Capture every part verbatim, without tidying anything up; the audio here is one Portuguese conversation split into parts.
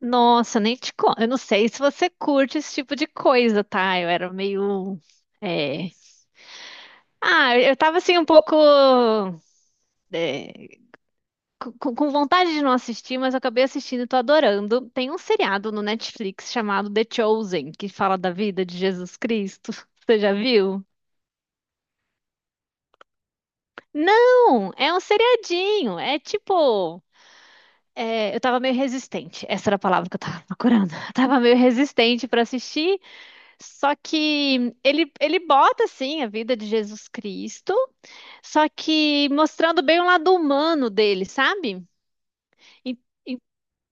Nossa, nem te conto. Eu não sei se você curte esse tipo de coisa, tá? Eu era meio. é, Ah, eu tava assim um pouco. é, Com, com vontade de não assistir, mas eu acabei assistindo e tô adorando. Tem um seriado no Netflix chamado The Chosen, que fala da vida de Jesus Cristo. Você já viu? Não! É um seriadinho. É tipo. é, eu tava meio resistente. Essa era a palavra que eu tava procurando. Eu tava meio resistente pra assistir. Só que ele, ele bota, assim, a vida de Jesus Cristo, só que mostrando bem o lado humano dele, sabe? E-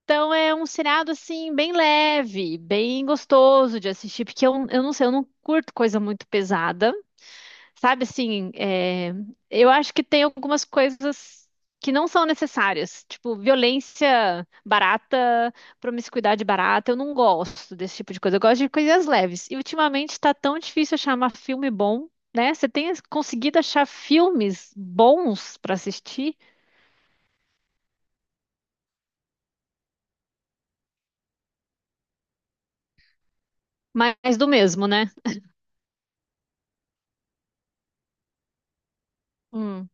Então é um seriado, assim, bem leve, bem gostoso de assistir, porque eu, eu não sei, eu não curto coisa muito pesada. Sabe assim, é, eu acho que tem algumas coisas que não são necessárias, tipo violência barata, promiscuidade barata. Eu não gosto desse tipo de coisa. Eu gosto de coisas leves. E ultimamente tá tão difícil achar um filme bom, né? Você tem conseguido achar filmes bons pra assistir, mas do mesmo, né? Hum.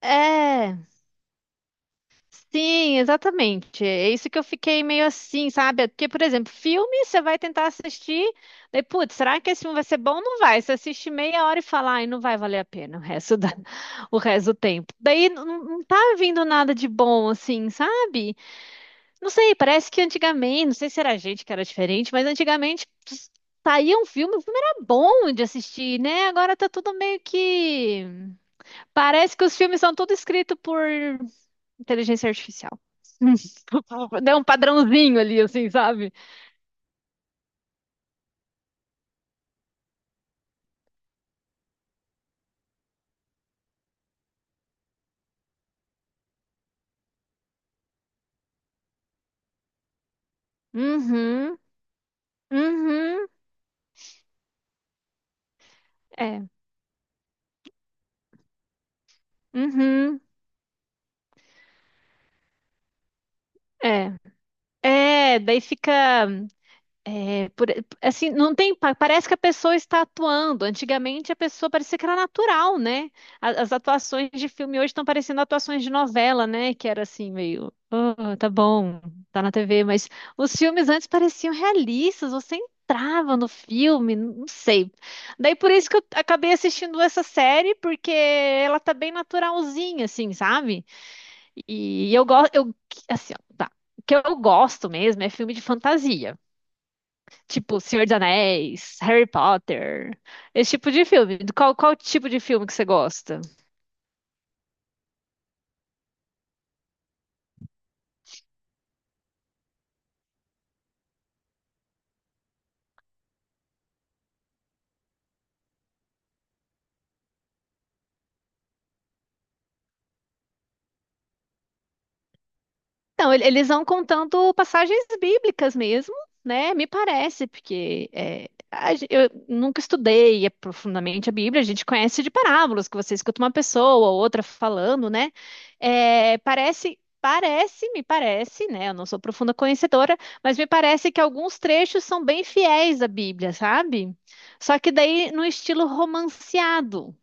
É. Sim, exatamente. É isso que eu fiquei meio assim, sabe? Porque, por exemplo, filme, você vai tentar assistir, daí, putz, será que esse filme vai ser bom? Não vai. Você assiste meia hora e fala, ai, não vai valer a pena o resto da... o resto do tempo. Daí não, não tá vindo nada de bom, assim, sabe? Não sei, parece que antigamente, não sei se era a gente que era diferente, mas antigamente pss, saía um filme, o filme era bom de assistir, né? Agora tá tudo meio que. Parece que os filmes são tudo escritos por inteligência artificial. Deu um padrãozinho ali, assim, sabe? Uhum, uhum, é, uhum, é. É, daí fica. É Por- assim, não tem, pa- parece que a pessoa está atuando. Antigamente a pessoa parecia que era natural, né? A- As, atuações de filme hoje estão parecendo atuações de novela, né? Que era assim meio, "Ah, tá bom, tá na T V, mas os filmes antes pareciam realistas, você entrava no filme, n- não sei. Daí por isso que eu acabei assistindo essa série, porque ela tá bem naturalzinha, assim, sabe? E eu gosto, eu, assim, ó, tá. O que eu gosto mesmo é filme de fantasia. Tipo, Senhor dos Anéis, Harry Potter, esse tipo de filme. Qual, qual tipo de filme que você gosta? Então, ele- eles vão contando passagens bíblicas mesmo, né? Me parece, porque é, a gen- eu nunca estudei profundamente a Bíblia, a gente conhece de parábolas, que você escuta uma pessoa ou outra falando, né? É, parece, parece, me parece, né? Eu não sou profunda conhecedora, mas me parece que alguns trechos são bem fiéis à Bíblia, sabe? Só que daí no estilo romanceado.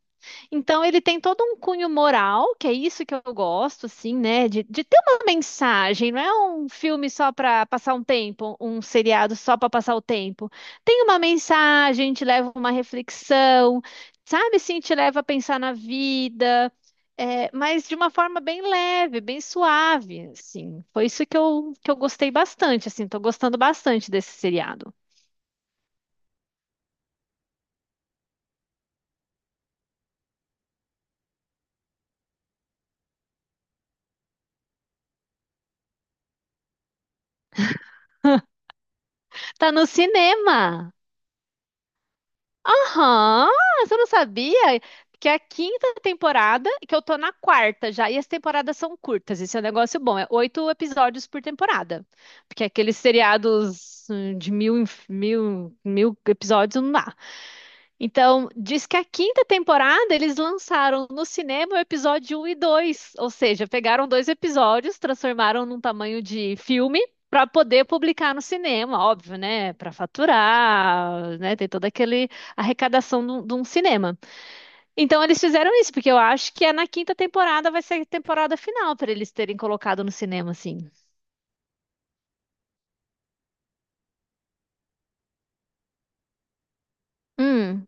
Então ele tem todo um cunho moral, que é isso que eu gosto, assim, né? De, de ter uma mensagem, não é um filme só para passar um tempo, um seriado só para passar o tempo. Tem uma mensagem, te leva a uma reflexão, sabe? Sim, te leva a pensar na vida, é, mas de uma forma bem leve, bem suave, assim. Foi isso que eu, que eu gostei bastante, assim, tô gostando bastante desse seriado. Tá no cinema! Aham, você não sabia? Que é a quinta temporada, e que eu tô na quarta já, e as temporadas são curtas, esse é um negócio bom, é oito episódios por temporada. Porque aqueles seriados hum, de mil, em- mil, mil episódios não dá. Então, diz que a quinta temporada eles lançaram no cinema o episódio um e dois, ou seja, pegaram dois episódios, transformaram num tamanho de filme para poder publicar no cinema, óbvio, né? Para faturar, né? Tem toda aquele arrecadação de um de um cinema. Então, eles fizeram isso, porque eu acho que é na quinta temporada vai ser a temporada final para eles terem colocado no cinema, assim. Hum,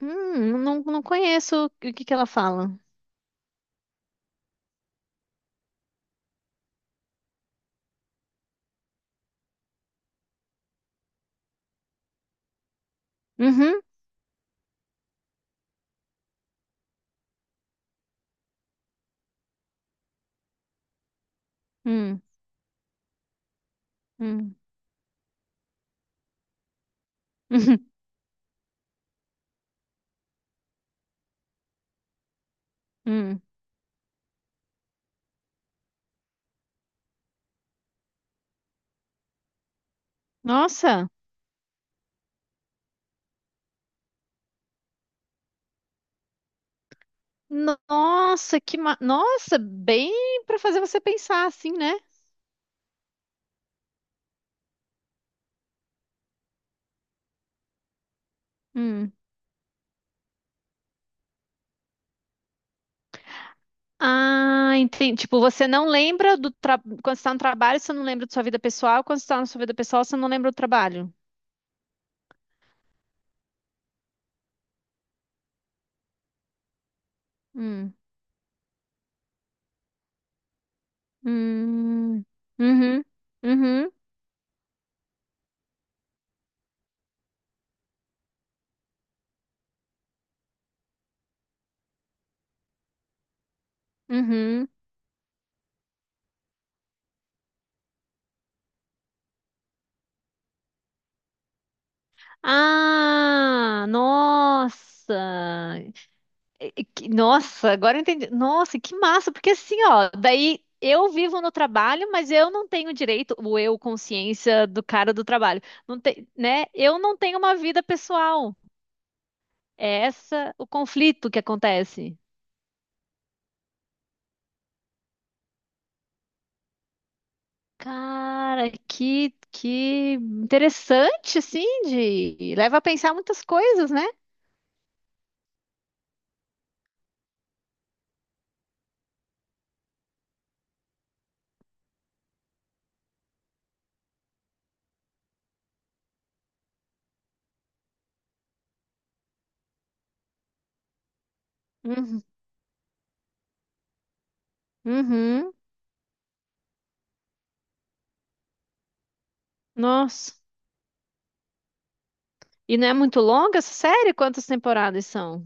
hum, não, não conheço o que que ela fala. Uhum, hum, hum, hum. Nossa, nossa, que ma... Nossa, bem pra fazer você pensar assim, né? Hum. Ah, entendi. Tipo, você não lembra do tra... quando você tá no trabalho, você não lembra da sua vida pessoal. Quando você tá na sua vida pessoal, você não lembra do trabalho. Hum. Hum. Uhum. Uhum. Uhum. Ah, nossa. E que- Nossa, agora eu entendi. Nossa, que massa, porque assim, ó, daí eu vivo no trabalho, mas eu não tenho direito, o eu, consciência do cara do trabalho, não tem, né? Eu não tenho uma vida pessoal. É essa o conflito que acontece. Cara, que que interessante, assim, de leva a pensar muitas coisas, né? Uhum. Uhum. Nossa. E não é muito longa essa série? Quantas temporadas são?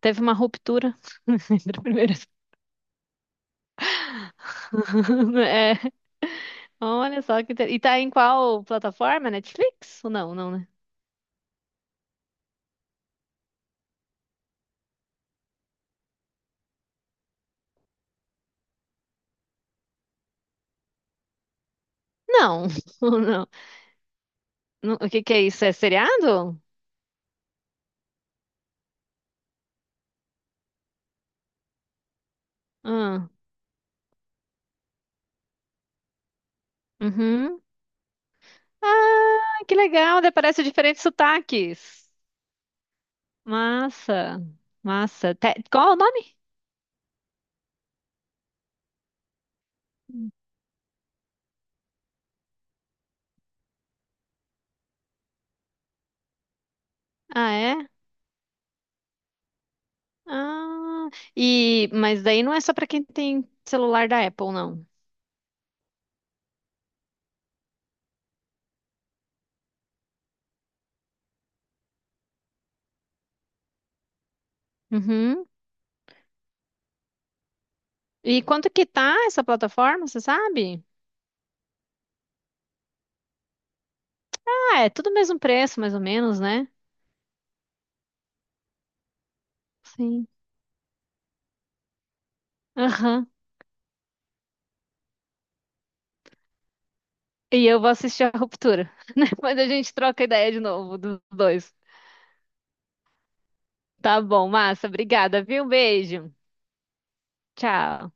Teve uma ruptura entre a primeira É, olha só que inter- E tá em qual plataforma? Netflix? Ou não, não, né? Não, ou não. Não, o que que é isso? É seriado? Ah, uhum. Ah, que legal, daí aparece diferentes sotaques. Massa, massa. Te- Qual é o nome? Ah, é? Ah, e... Mas daí não é só pra quem tem celular da Apple, não. Uhum. E quanto que tá essa plataforma, você sabe? Ah, é tudo o mesmo preço, mais ou menos, né? Sim. Aham. E eu vou assistir a Ruptura. Depois a gente troca ideia de novo dos dois. Tá bom, massa. Obrigada, viu? Um beijo. Tchau.